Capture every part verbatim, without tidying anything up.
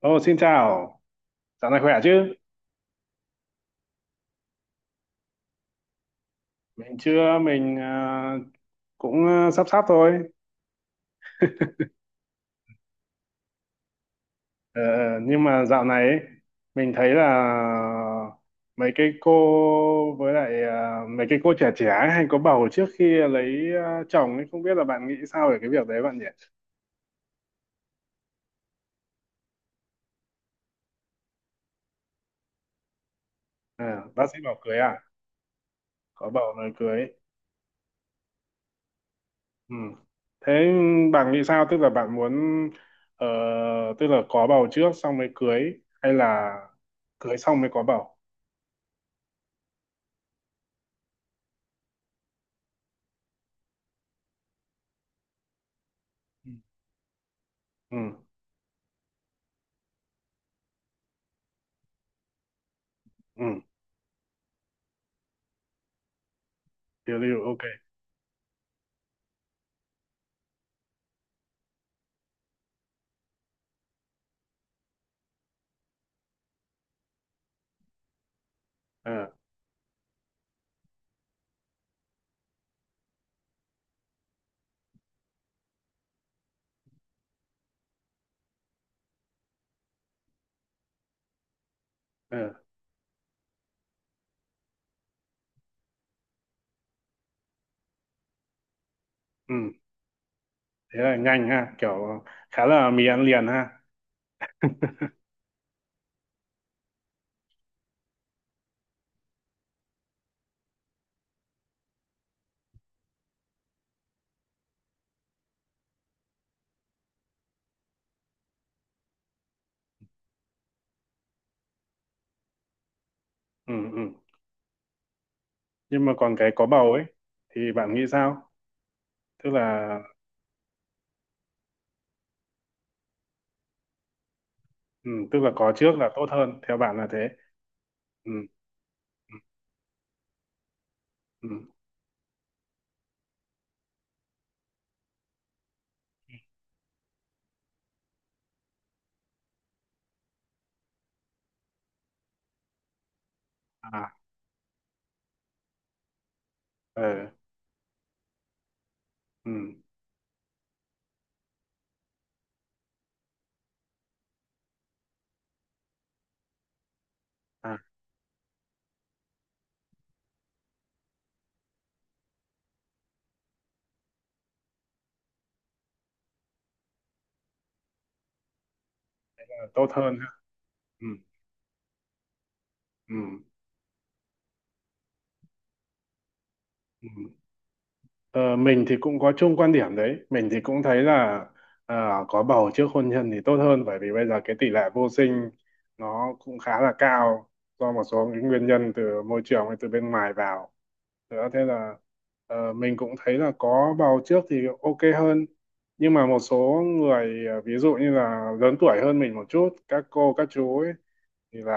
Ô, xin chào, dạo này khỏe chứ? Mình chưa, mình à, cũng à, sắp sắp thôi. Ờ, nhưng mà dạo này ấy, mình thấy là mấy cái cô với lại à, mấy cái cô trẻ trẻ ấy hay có bầu trước khi lấy à, chồng ấy, không biết là bạn nghĩ sao về cái việc đấy bạn nhỉ? À, bác sĩ bảo cưới à? Có bầu rồi cưới. Ừ. Thế bạn nghĩ sao? Tức là bạn muốn, ờ, tức là có bầu trước xong mới cưới hay là cưới xong mới có bầu? Ừ. Ừ. Ừ, tiêu diêu, ok. Ờ. Ờ. Ừ, thế là nhanh ha, kiểu khá là mì ăn liền ha. Ừ. Ừ, nhưng mà còn cái có bầu ấy thì bạn nghĩ sao, tức là? Ừ, tức là có trước là tốt hơn theo bạn là thế? Ừ. Ừ. Ừ. À. Ờ. Ừ. À, tốt hơn ha. Ừ. Ừ. Ừ. Ờ, mình thì cũng có chung quan điểm đấy, mình thì cũng thấy là ờ, có bầu trước hôn nhân thì tốt hơn, bởi vì bây giờ cái tỷ lệ vô sinh nó cũng khá là cao, do một số những nguyên nhân từ môi trường hay từ bên ngoài vào nữa. Thế là ờ, mình cũng thấy là có bầu trước thì ok hơn. Nhưng mà một số người ờ, ví dụ như là lớn tuổi hơn mình một chút, các cô các chú ấy, thì là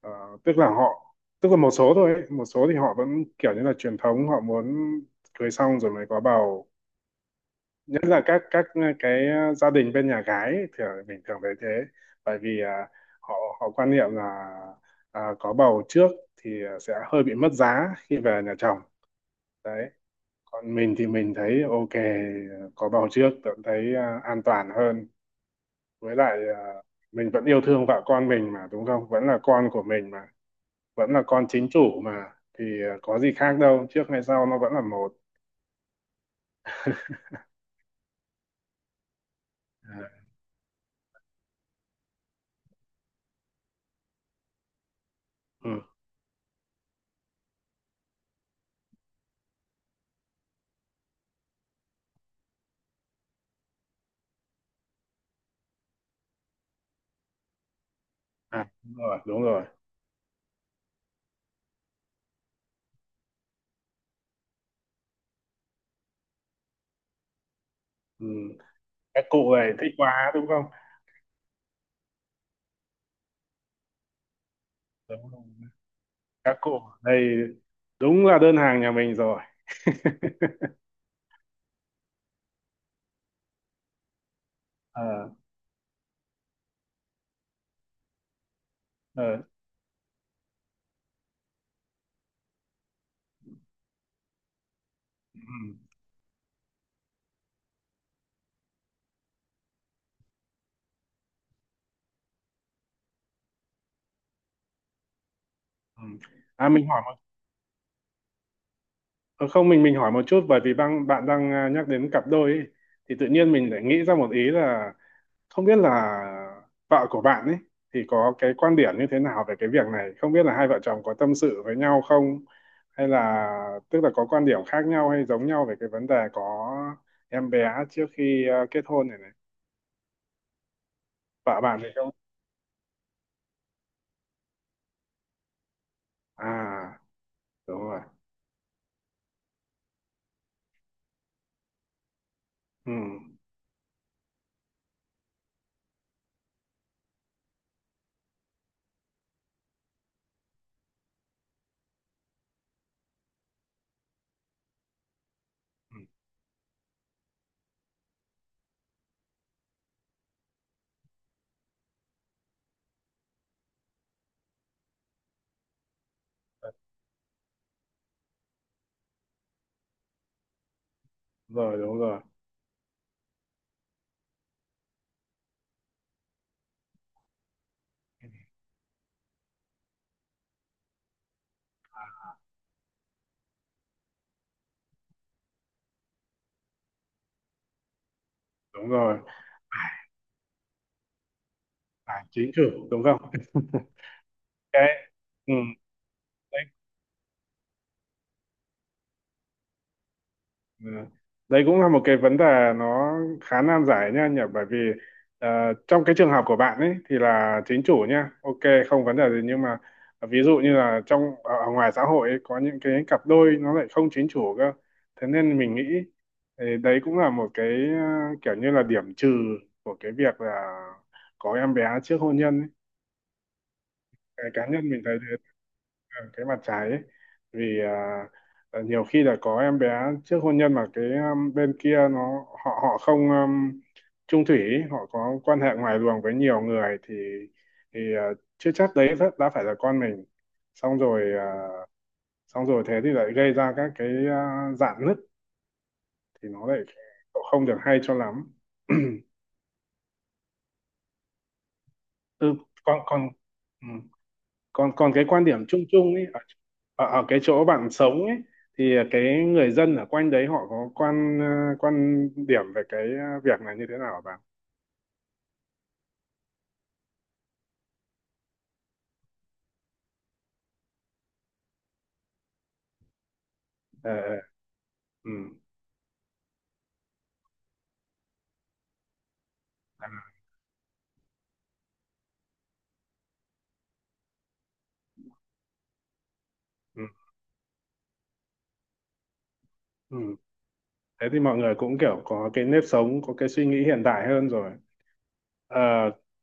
ờ, tức là họ, tức là một số thôi ấy. Một số thì họ vẫn kiểu như là truyền thống, họ muốn cưới xong rồi mới có bầu, nhất là các các ờ, cái ờ, gia đình bên nhà gái ấy, thì mình thường thấy thế. Bởi vì à, họ họ quan niệm là à, có bầu trước thì sẽ hơi bị mất giá khi về nhà chồng. Đấy, còn mình thì mình thấy ok, có bầu trước vẫn thấy à, an toàn hơn. Với lại à, mình vẫn yêu thương vợ con mình mà, đúng không, vẫn là con của mình mà, vẫn là con chính chủ mà. Thì ờ, có gì khác đâu, trước hay sau nó vẫn là một. À. Ừ. À, đúng rồi, đúng rồi. Ừ. Các cụ này thích quá đúng không? Đúng rồi. Các cụ ở đây đúng là đơn hàng nhà mình rồi. Ờ. Ờ. Ừ. Ừ. À, mình hỏi một, ờ, không, mình mình hỏi một chút, bởi vì bạn bạn đang à, nhắc đến cặp đôi ấy, thì tự nhiên mình lại nghĩ ra một ý là không biết là vợ của bạn ấy thì có cái quan điểm như thế nào về cái việc này, không biết là hai vợ chồng có tâm sự với nhau không, hay là tức là có quan điểm khác nhau hay giống nhau về cái vấn đề có em bé trước khi ờ, kết hôn này này? Vợ bạn thì không? À, đúng rồi. Ừ. Ừ, rồi, đúng rồi, đúng rồi. À, chính chủ đúng không? Cái, ừ. Ừ. Đấy cũng là một cái vấn đề nó khá nan giải nha nhỉ, bởi vì ờ, trong cái trường hợp của bạn ấy thì là chính chủ nha, ok, không vấn đề gì. Nhưng mà ví dụ như là trong ở ở ngoài xã hội ấy, có những cái cặp đôi nó lại không chính chủ cơ. Thế nên mình nghĩ thì đấy cũng là một cái ờ, kiểu như là điểm trừ của cái việc là có em bé trước hôn nhân ấy. Cái cá nhân mình thấy ờ, cái mặt trái ấy. Vì à, ờ, nhiều khi là có em bé trước hôn nhân mà cái um, bên kia nó, họ họ không um, chung thủy ý, họ có quan hệ ngoài luồng với nhiều người, thì thì ờ, chưa chắc đấy đã, đã phải là con mình. Xong rồi ờ, xong rồi thế thì lại gây ra các cái ờ, rạn nứt, thì nó lại không được hay cho lắm. Ừ, còn còn ừ. còn còn cái quan điểm chung chung ấy ở, ở ở cái chỗ bạn sống ấy, thì cái người dân ở quanh đấy họ có quan, ờ, quan điểm về cái ờ, việc này như thế nào hả bạn? Ờ. Ờ. Ừ. À. Ừ. Ừ. Thế thì mọi người cũng kiểu có cái nếp sống, có cái suy nghĩ hiện đại hơn rồi. Ờ,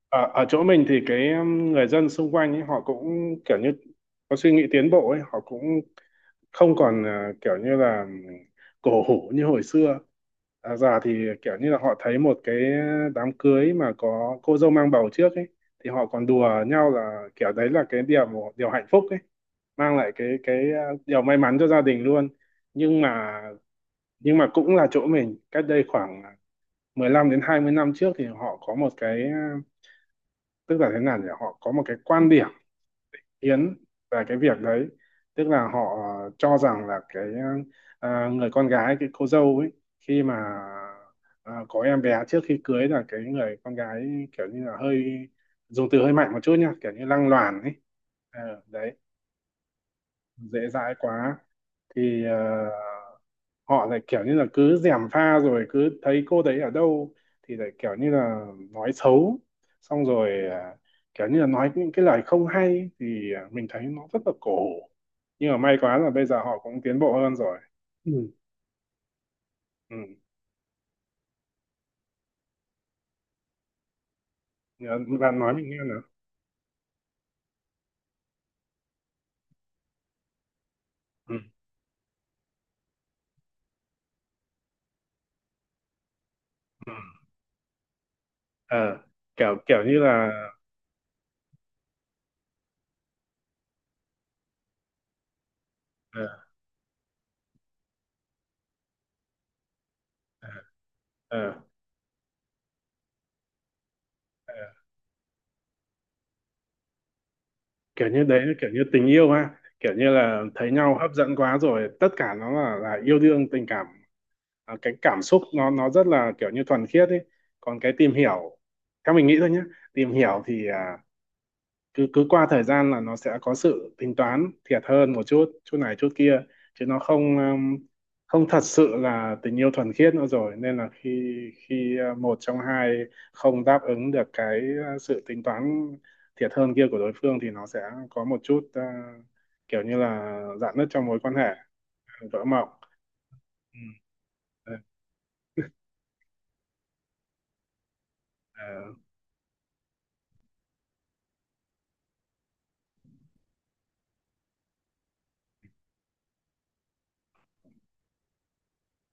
ở ở chỗ mình thì cái um, người dân xung quanh ấy họ cũng kiểu như có suy nghĩ tiến bộ ấy, họ cũng không còn ờ, kiểu như là cổ hủ như hồi xưa. À, già thì kiểu như là họ thấy một cái đám cưới mà có cô dâu mang bầu trước ấy, thì họ còn đùa nhau là kiểu đấy là cái điều điều hạnh phúc ấy, mang lại cái cái ờ, điều may mắn cho gia đình luôn. Nhưng mà, nhưng mà cũng là chỗ mình, cách đây khoảng mười lăm đến hai mươi năm trước thì họ có một cái ờ, tức là thế nào nhỉ, họ có một cái quan điểm yến về cái việc đấy. Tức là họ ờ, cho rằng là cái, à, người con gái, cái cô dâu ấy, khi mà à, có em bé trước khi cưới là cái người con gái kiểu như là hơi, dùng từ hơi mạnh một chút nha, kiểu như lăng loàn ấy. Ờ, đấy, dễ dãi quá. Thì ờ, họ lại kiểu như là cứ gièm pha, rồi cứ thấy cô đấy ở đâu thì lại kiểu như là nói xấu, xong rồi à, kiểu như là nói những cái lời không hay, thì à, mình thấy nó rất là cổ hủ. Nhưng mà may quá là bây giờ họ cũng tiến bộ hơn rồi. Ừ. Ừ. Nhớ- bạn nói mình nghe nào. Ừ. Ừ. Ờ, kiểu kiểu như là. Ờ. Ờ. Ờ. Ờ. Kiểu như đấy là kiểu như tình yêu ha, kiểu như là thấy nhau hấp dẫn quá rồi, tất cả nó là là yêu đương tình cảm. À, cái cảm xúc nó nó rất là kiểu như thuần khiết ấy. Còn cái tìm hiểu, theo mình nghĩ thôi nhé, tìm hiểu thì à, cứ cứ qua thời gian là nó sẽ có sự tính toán thiệt hơn một chút, chút này chút kia, chứ nó không um, không thật sự là tình yêu thuần khiết nữa rồi. Nên là khi, khi uh, một trong hai không đáp ứng được cái uh, sự tính toán thiệt hơn kia của đối phương, thì nó sẽ có một chút uh, kiểu như là rạn nứt trong mối quan hệ. Vỡ mộng. Ừ. Ờ. Ờ,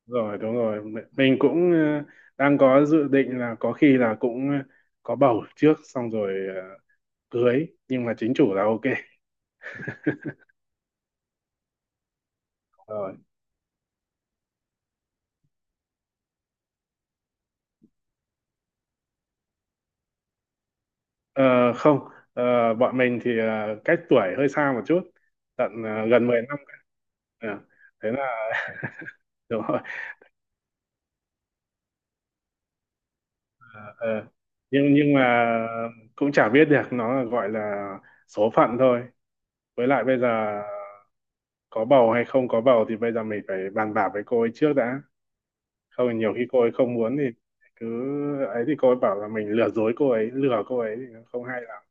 rồi, đúng rồi, mi- mình cũng uh, đang có dự định là có khi là cũng ờ, có bầu trước xong rồi ờ, cưới, nhưng mà chính chủ là ok. Rồi. Ờ, không, ờ, bọn mình thì ờ, cách tuổi hơi xa một chút. Tận ờ, gần mười năm. Ờ, thế là. Đúng rồi. Ờ, nhưng nhưng mà cũng chả biết được, nó là gọi là số phận thôi. Với lại bây giờ có bầu hay không có bầu thì bây giờ mình phải bàn bạc với cô ấy trước đã, không thì nhiều khi cô ấy không muốn thì cứ ấy, thì cô ấy bảo là mình lừa dối cô ấy, lừa cô ấy thì nó không hay lắm.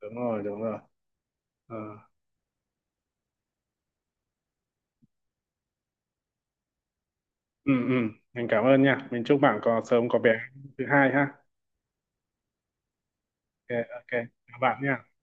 Đúng rồi, đúng rồi. Ờ. Ừ, ừ, mình cảm ơn nha, mình chúc bạn có sớm có bé thứ hai ha. Ok, ok, chào bạn nha.